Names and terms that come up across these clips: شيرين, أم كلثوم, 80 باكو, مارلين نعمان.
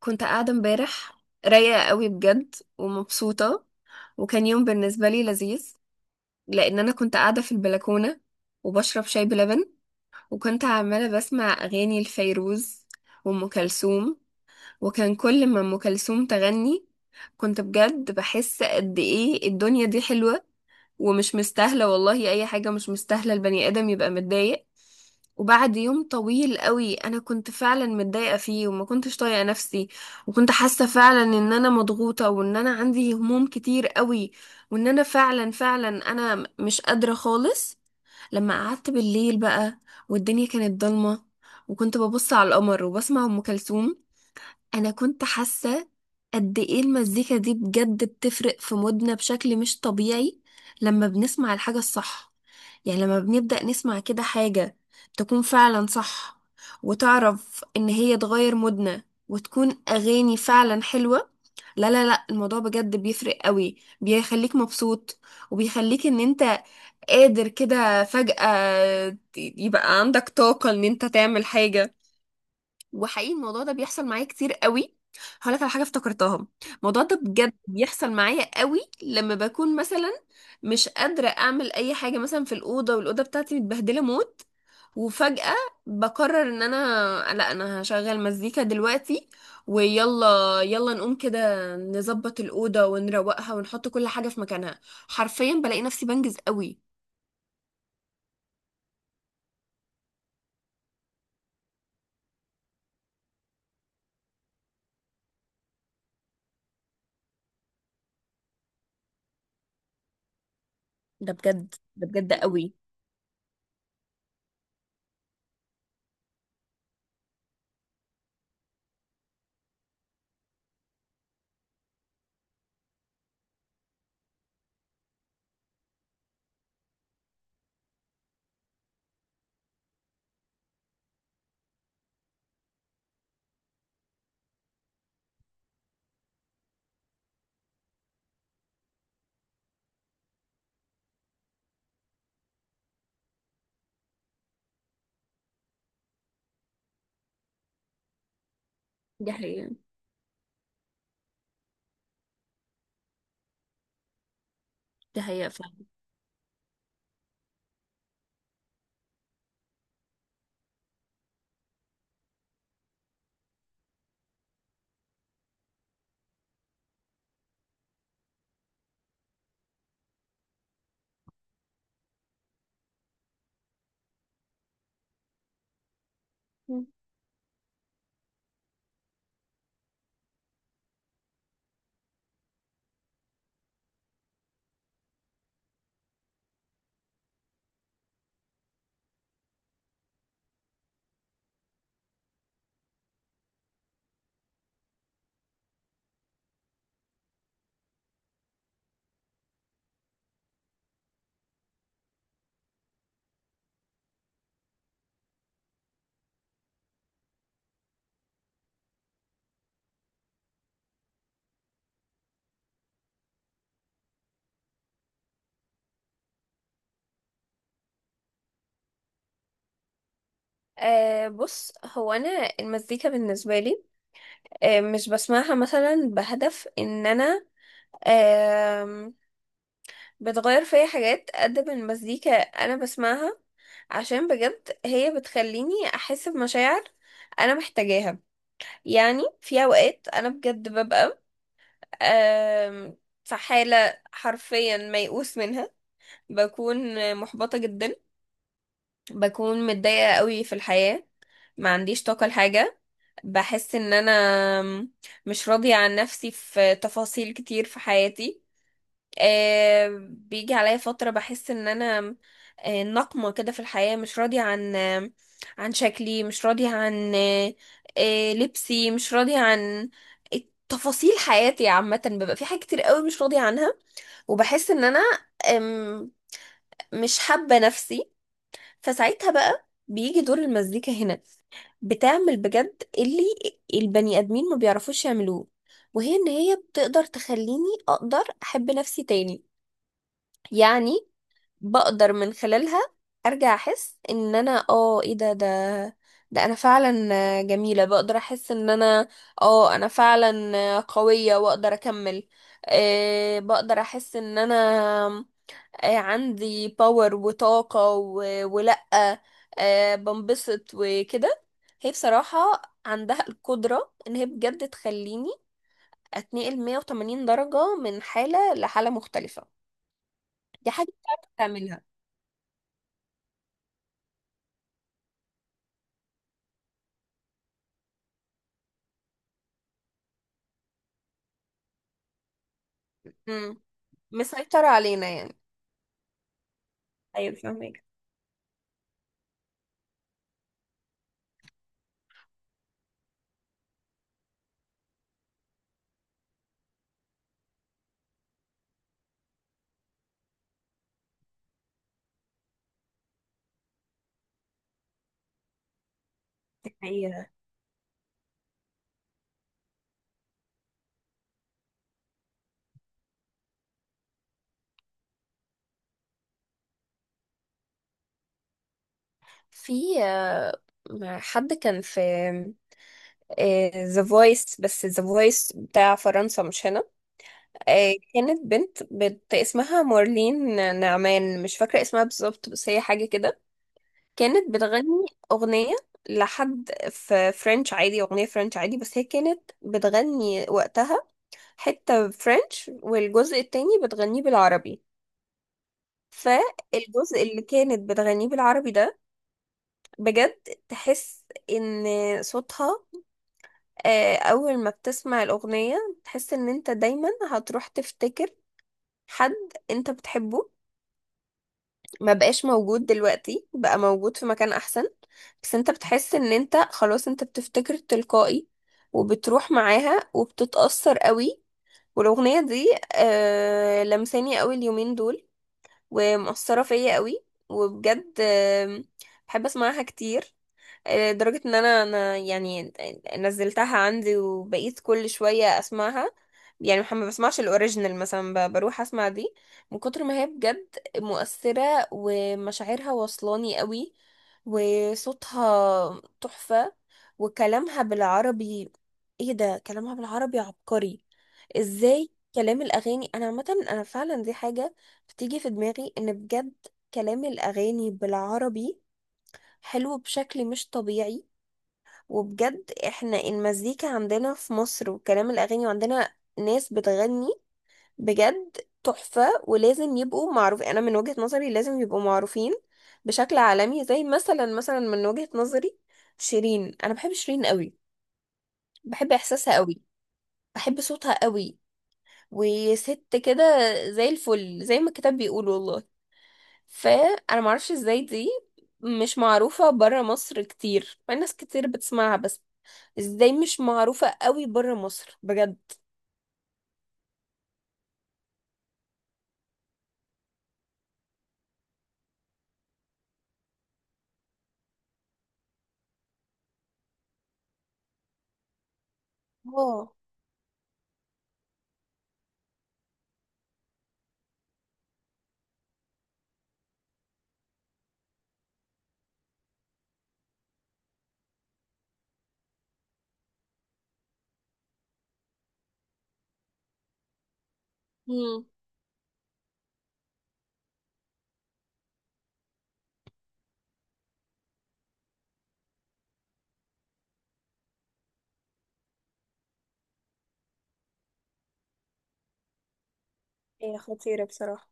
كنت قاعدة امبارح رايقة قوي بجد ومبسوطة، وكان يوم بالنسبة لي لذيذ لأن أنا كنت قاعدة في البلكونة وبشرب شاي بلبن، وكنت عمالة بسمع أغاني لفيروز وأم كلثوم. وكان كل ما أم كلثوم تغني كنت بجد بحس قد إيه الدنيا دي حلوة ومش مستاهلة، والله أي حاجة مش مستاهلة البني آدم يبقى متضايق. وبعد يوم طويل قوي انا كنت فعلا متضايقه فيه وما كنتش طايقه نفسي، وكنت حاسه فعلا ان انا مضغوطه وان انا عندي هموم كتير قوي، وان انا فعلا انا مش قادره خالص. لما قعدت بالليل بقى والدنيا كانت ضلمه وكنت ببص على القمر وبسمع ام كلثوم، انا كنت حاسه قد ايه المزيكا دي بجد بتفرق في مودنا بشكل مش طبيعي لما بنسمع الحاجه الصح. يعني لما بنبدا نسمع كده حاجه تكون فعلا صح وتعرف ان هي تغير مودنا وتكون اغاني فعلا حلوه، لا لا لا الموضوع بجد بيفرق قوي، بيخليك مبسوط وبيخليك ان انت قادر كده فجأة يبقى عندك طاقة ان انت تعمل حاجة. وحقيقي الموضوع ده بيحصل معايا كتير قوي. هقول لك على حاجه افتكرتها، الموضوع ده بجد بيحصل معايا قوي لما بكون مثلا مش قادره اعمل اي حاجه، مثلا في الاوضه والاوضه بتاعتي متبهدله موت، وفجاه بقرر ان انا لا انا هشغل مزيكا دلوقتي ويلا، يلا نقوم كده نظبط الاوضه ونروقها ونحط كل حاجه في مكانها. حرفيا بلاقي نفسي بنجز قوي. ده بجد ده بجد قوي. دي حقيقة. دي حقيقة فعلا. أه بص، هو انا المزيكا بالنسبه لي، مش بسمعها مثلا بهدف ان انا أه بتغير فيا حاجات، قد ما المزيكا انا بسمعها عشان بجد هي بتخليني احس بمشاعر انا محتاجاها. يعني في اوقات انا بجد ببقى أه في حاله حرفيا ميؤوس منها، بكون محبطه جدا، بكون متضايقه قوي في الحياه، ما عنديش طاقه لحاجه، بحس ان انا مش راضية عن نفسي في تفاصيل كتير في حياتي. بيجي عليا فترة بحس ان انا نقمة كده في الحياة، مش راضية عن عن شكلي، مش راضية عن لبسي، مش راضية عن تفاصيل حياتي عامة. ببقى في حاجات كتير قوي مش راضية عنها وبحس ان انا آم، مش حابة نفسي. فساعتها بقى بيجي دور المزيكا هنا، بتعمل بجد اللي البني ادمين ما بيعرفوش يعملوه، وهي ان هي بتقدر تخليني اقدر احب نفسي تاني. يعني بقدر من خلالها ارجع احس ان انا اه ايه ده ده انا فعلا جميلة، بقدر احس ان انا اه انا فعلا قوية واقدر اكمل. أه بقدر احس ان انا عندي باور وطاقة ولأ بنبسط وكده. هي بصراحة عندها القدرة ان هي بجد تخليني اتنقل 180 درجة من حالة لحالة مختلفة. دي حاجة بتعرف تعملها. مم. مسيطرة علينا يعني. ايوه فاهمك. دي حقيقة. في حد كان في ذا فويس، بس ذا فويس بتاع فرنسا مش هنا. كانت بنت اسمها مارلين نعمان، مش فاكرة اسمها بالظبط بس هي حاجة كده. كانت بتغني أغنية لحد في فرنش عادي، أغنية فرنش عادي، بس هي كانت بتغني وقتها حتة فرنش والجزء التاني بتغنيه بالعربي. فالجزء اللي كانت بتغنيه بالعربي ده بجد تحس ان صوتها، أول ما بتسمع الأغنية تحس ان انت دايما هتروح تفتكر حد انت بتحبه ما بقاش موجود دلوقتي، بقى موجود في مكان احسن، بس انت بتحس ان انت خلاص انت بتفتكر تلقائي وبتروح معاها وبتتأثر قوي. والاغنية دي آه لمساني قوي اليومين دول ومؤثرة فيا قوي، وبجد آه بحب اسمعها كتير. لدرجة ان انا يعني نزلتها عندي وبقيت كل شوية اسمعها. يعني ما بسمعش الاوريجينال، مثلا بروح اسمع دي من كتر ما هي بجد مؤثرة ومشاعرها وصلاني قوي وصوتها تحفة وكلامها بالعربي. ايه ده، كلامها بالعربي عبقري. ازاي كلام الاغاني، انا عامة انا فعلا دي حاجة بتيجي في دماغي ان بجد كلام الاغاني بالعربي حلو بشكل مش طبيعي. وبجد احنا المزيكا عندنا في مصر وكلام الاغاني وعندنا ناس بتغني بجد تحفة، ولازم يبقوا معروف، انا من وجهة نظري لازم يبقوا معروفين بشكل عالمي. زي مثلا مثلا من وجهة نظري شيرين، انا بحب شيرين قوي، بحب احساسها قوي، بحب صوتها قوي، وست كده زي الفل زي ما الكتاب بيقول والله. فانا معرفش ازاي دي مش معروفة برا مصر كتير، مع إن ناس كتير بتسمعها، بس ازاي مش معروفة قوي بره مصر بجد؟ اه. مم. هي خطيرة بصراحة.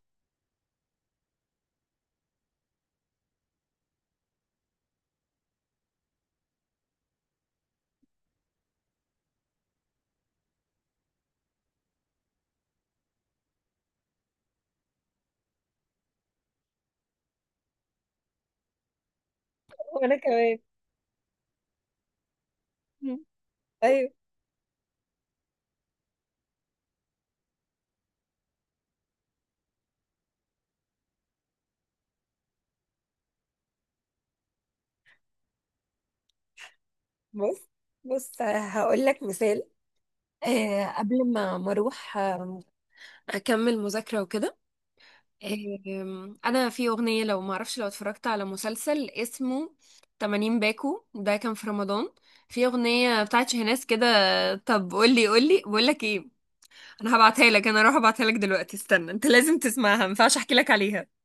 وانا كمان. مم. ايوه. بص، هقول لك مثال. آه قبل ما اروح اكمل مذاكرة وكده. انا في اغنية، لو ما اعرفش لو اتفرجت على مسلسل اسمه 80 باكو، ده كان في رمضان، في اغنية بتاعت شهناز كده. طب قولي، بقول لك ايه، انا هبعتها لك، انا اروح ابعتها لك دلوقتي، استنى انت لازم تسمعها ما ينفعش احكي لك عليها.